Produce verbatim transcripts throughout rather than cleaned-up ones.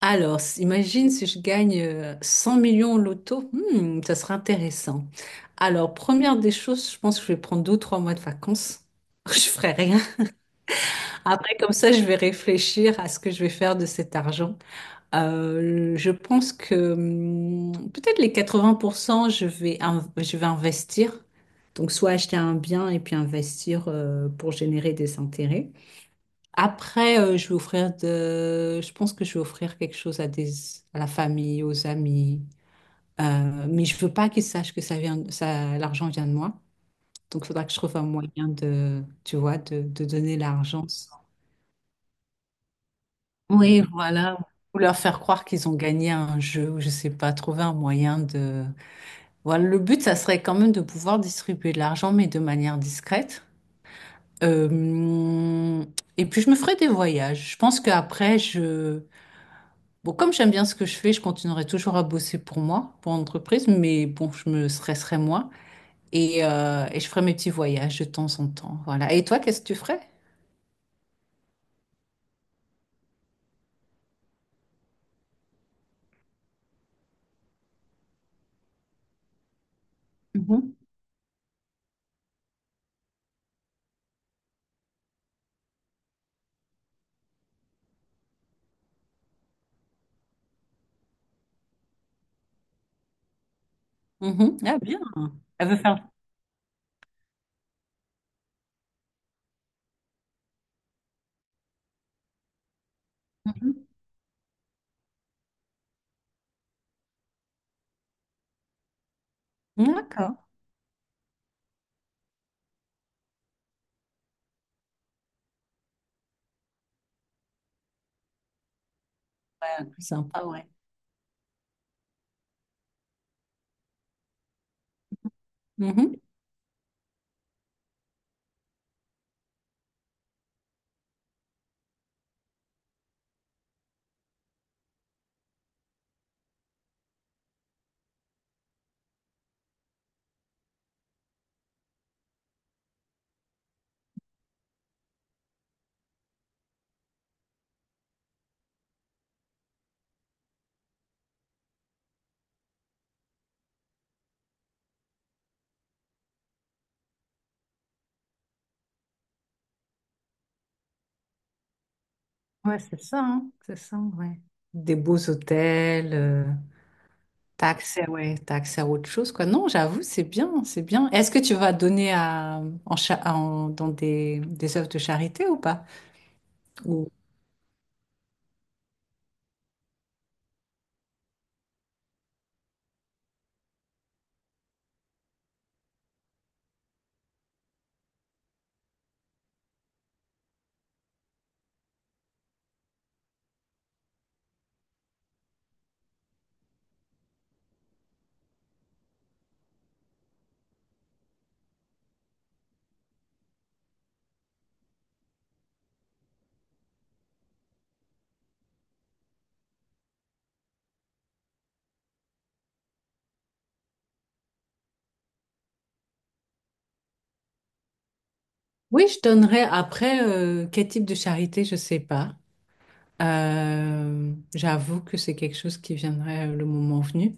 Alors, s- imagine si je gagne euh, cent millions au loto. Hmm, ça serait intéressant. Alors, première des choses, je pense que je vais prendre deux ou trois mois de vacances. Je ferai rien. Après, comme ça, je vais réfléchir à ce que je vais faire de cet argent. Euh, je pense que hmm, peut-être les quatre-vingts pour cent, je vais, in- je vais investir. Donc, soit acheter un bien et puis investir euh, pour générer des intérêts. Après, euh, je vais offrir de... Je pense que je vais offrir quelque chose à des... à la famille, aux amis. Euh, mais je veux pas qu'ils sachent que ça vient... ça... l'argent vient de moi. Donc, il faudra que je trouve un moyen de, tu vois, de, de donner l'argent. Oui, voilà. Ou leur faire croire qu'ils ont gagné à un jeu, ou je sais pas, trouver un moyen de... Voilà, le but, ça serait quand même de pouvoir distribuer de l'argent, mais de manière discrète. Euh, et puis je me ferai des voyages. Je pense qu'après, je, bon, comme j'aime bien ce que je fais, je continuerai toujours à bosser pour moi, pour l'entreprise, mais bon, je me stresserai moins et, euh, et je ferai mes petits voyages de temps en temps. Voilà. Et toi, qu'est-ce que tu ferais? Mhm. Mhm. Ah, bien. Elle veut faire. Mhm. D'accord. Ouais, c'est sympa, ouais. Mhm. Ouais, c'est ça, hein, c'est ça, ouais. Des beaux hôtels, euh, t'as accès, ouais, t'as accès à autre chose, quoi. Non, j'avoue, c'est bien, c'est bien. Est-ce que tu vas donner à, en, cha- en- dans des, des œuvres de charité ou pas? Oui, je donnerais après euh, quel type de charité, je sais pas. Euh, j'avoue que c'est quelque chose qui viendrait euh, le moment venu.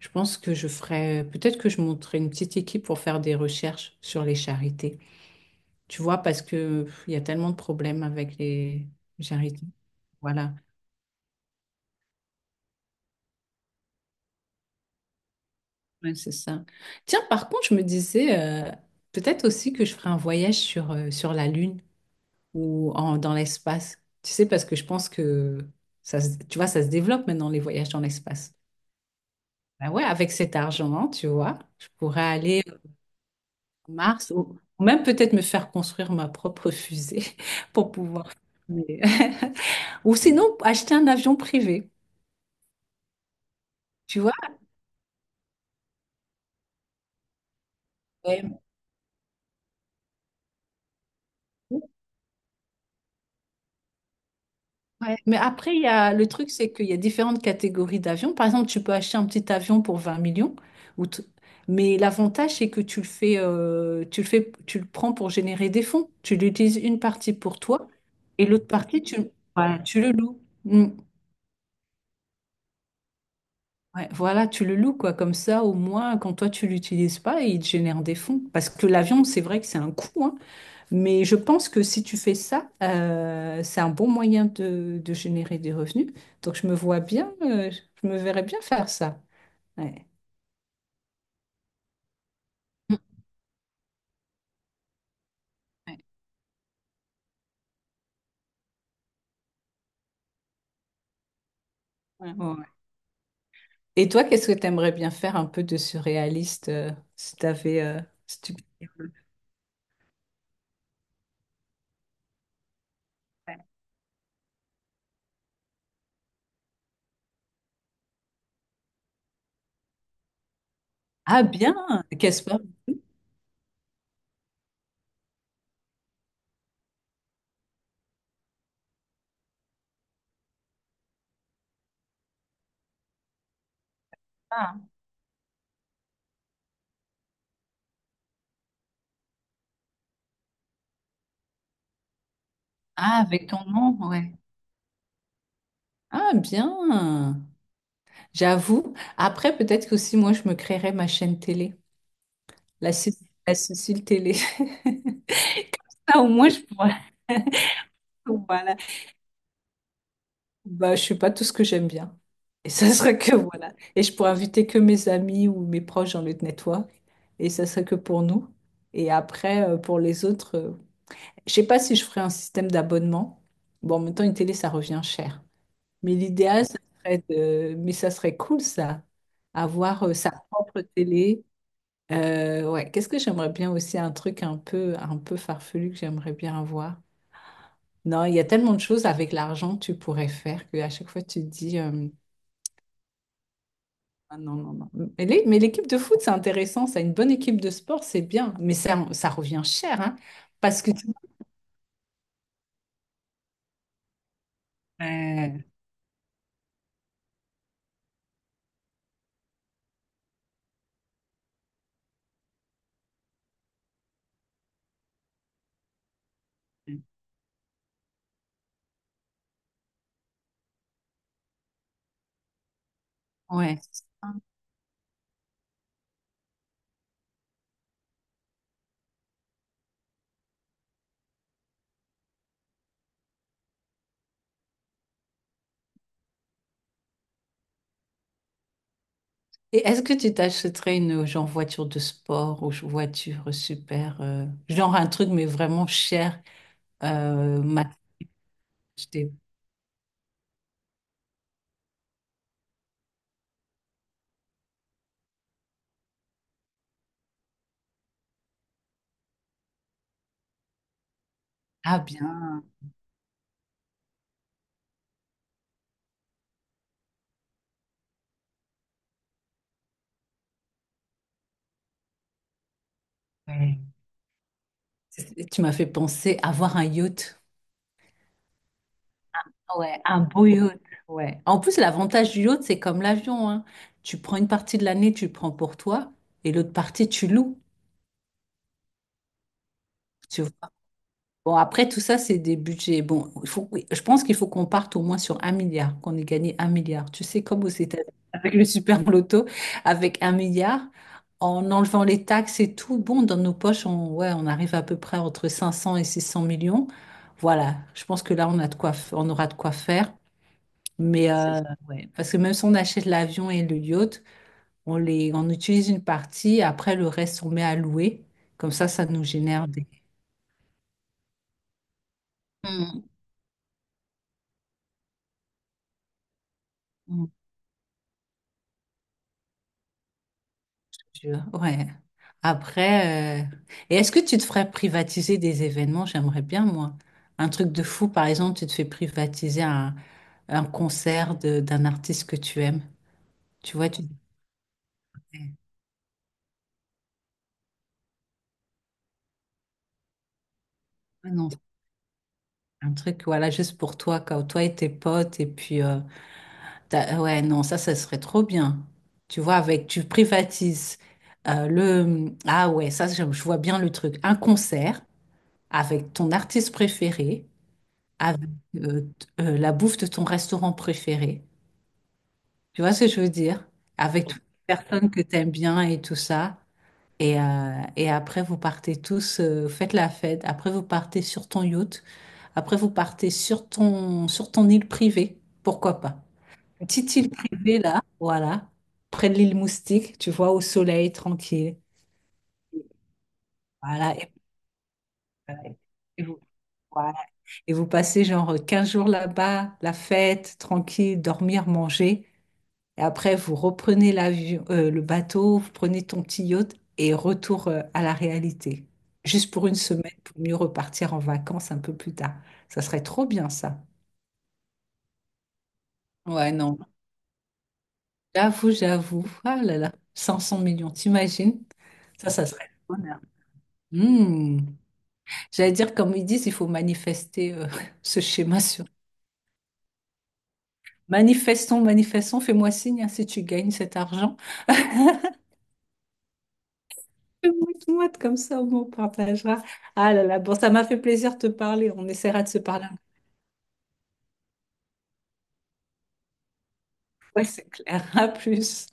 Je pense que je ferais, peut-être que je monterais une petite équipe pour faire des recherches sur les charités. Tu vois, parce que pff, il y a tellement de problèmes avec les charités. Voilà, ouais, c'est ça. Tiens, par contre, je me disais euh, peut-être aussi que je ferais un voyage sur euh, sur la Lune, ou en, dans l'espace. Tu sais, parce que je pense que ça, se- tu vois, ça se développe maintenant, les voyages dans l'espace. Ben ouais, avec cet argent, tu vois, je pourrais aller sur Mars ou ou même peut-être me faire construire ma propre fusée pour pouvoir. Mais... Ou sinon, acheter un avion privé, tu vois. Ouais. Ouais. Mais après, il y a, le truc, c'est qu'il y a différentes catégories d'avions. Par exemple, tu peux acheter un petit avion pour vingt millions, ou t- mais l'avantage, c'est que tu le fais, euh, tu le fais, tu le prends pour générer des fonds. Tu l'utilises une partie pour toi et l'autre partie, tu, ouais, tu le loues. Mm. Ouais, voilà, tu le loues, quoi. Comme ça, au moins, quand toi, tu l'utilises pas, il te génère des fonds. Parce que l'avion, c'est vrai que c'est un coût, hein. Mais je pense que si tu fais ça, euh, c'est un bon moyen de, de générer des revenus. Donc je me vois bien, euh, je me verrais bien faire ça. Ouais. Mm. Ouais. Ouais. Ouais. Et toi, qu'est-ce que tu aimerais bien faire un peu de surréaliste euh, si t'avais, euh, si tu... Ouais. Ah bien, qu'est-ce pas? Ah, ah, avec ton nom, ouais. Ah, bien, j'avoue. Après, peut-être que aussi moi, je me créerais ma chaîne télé, la, Cé- la Cécile Télé. Ah au moins, je pourrais. Voilà. Bah, je suis pas tout ce que j'aime bien. Et ça serait que voilà. Et je pourrais inviter que mes amis ou mes proches dans le network. Et ça serait que pour nous. Et après, euh, pour les autres, euh, je sais pas si je ferais un système d'abonnement. Bon, en même temps, une télé, ça revient cher. Mais l'idéal, ça serait de... Mais ça serait cool, ça. Avoir euh, sa propre télé. Euh, ouais, qu'est-ce que j'aimerais bien aussi? Un truc un peu, un peu farfelu que j'aimerais bien avoir. Non, il y a tellement de choses avec l'argent que tu pourrais faire qu'à chaque fois, tu te dis... euh, Ah non, non, non. Mais les... mais l'équipe de foot, c'est intéressant. Ça, une bonne équipe de sport, c'est bien. Mais ça, ça revient cher, hein, parce que tu- Ouais. Ouais. Et est-ce que tu t'achèterais une genre voiture de sport ou ch- voiture super, euh, genre un truc mais vraiment cher, euh, m'a- j'étais- Ah bien. Ouais. C'est- tu m'as fait penser à avoir un yacht. Ouais, un beau yacht. Ouais. En plus, l'avantage du yacht, c'est comme l'avion, hein. Tu prends une partie de l'année, tu le prends pour toi, et l'autre partie, tu loues. Tu vois. Bon, après, tout ça, c'est des budgets. Bon, il faut, oui, je pense qu'il faut qu'on parte au moins sur un milliard, qu'on ait gagné un milliard. Tu sais, comme aux États-Unis, avec le super loto, avec un milliard, en enlevant les taxes et tout, bon, dans nos poches, on, ouais, on arrive à peu près entre cinq cents et six cents millions. Voilà, je pense que là, on a de quoi, f- on aura de quoi faire. Mais euh, ouais, parce que même si on achète l'avion et le yacht, on les, on utilise une partie, après le reste, on met à louer. Comme ça, ça nous génère des... Mm. Je- Ouais. Après, euh, et est-ce que tu te ferais privatiser des événements? J'aimerais bien, moi. Un truc de fou, par exemple, tu te fais privatiser un, un concert de- d'un artiste que tu aimes. Tu vois, tu dis, ah non, c'est un truc, voilà, juste pour toi, quand toi et tes potes, et puis, euh, t'as- euh, ouais, non, ça, ça serait trop bien. Tu vois, avec, tu privatises euh, le, ah ouais, ça, je je vois bien le truc. Un concert avec ton artiste préféré. Avec euh, t- euh, la bouffe de ton restaurant préféré. Tu vois ce que je veux dire? Avec toutes les personnes que tu aimes bien et tout ça. Et, euh, et après, vous partez tous, euh, faites la fête. Après, vous partez sur ton yacht. Après, vous partez sur ton, sur ton île privée. Pourquoi pas? Une petite île privée, là, voilà. Près de l'île Moustique, tu vois, au soleil, tranquille. Voilà. Et, et vous, voilà. Et vous passez genre quinze jours là-bas, la fête, tranquille, dormir, manger. Et après, vous reprenez l'avion, euh, le bateau, vous prenez ton petit yacht et retour euh, à la réalité. Juste pour une semaine, pour mieux repartir en vacances un peu plus tard. Ça serait trop bien, ça. Ouais, non. J'avoue, j'avoue. Ah là là, cinq cents millions, t'imagines? Ça, ça serait le bonheur. Hmm. J'allais dire, comme ils disent, il faut manifester euh, ce schéma sur... Manifestons, manifestons, fais-moi signe hein, si tu gagnes cet argent. Mouette-mouette, comme ça, au moins, on partagera. Ah là là, bon, ça m'a fait plaisir de te parler. On essaiera de se parler un peu. Ouais, c'est clair. À plus.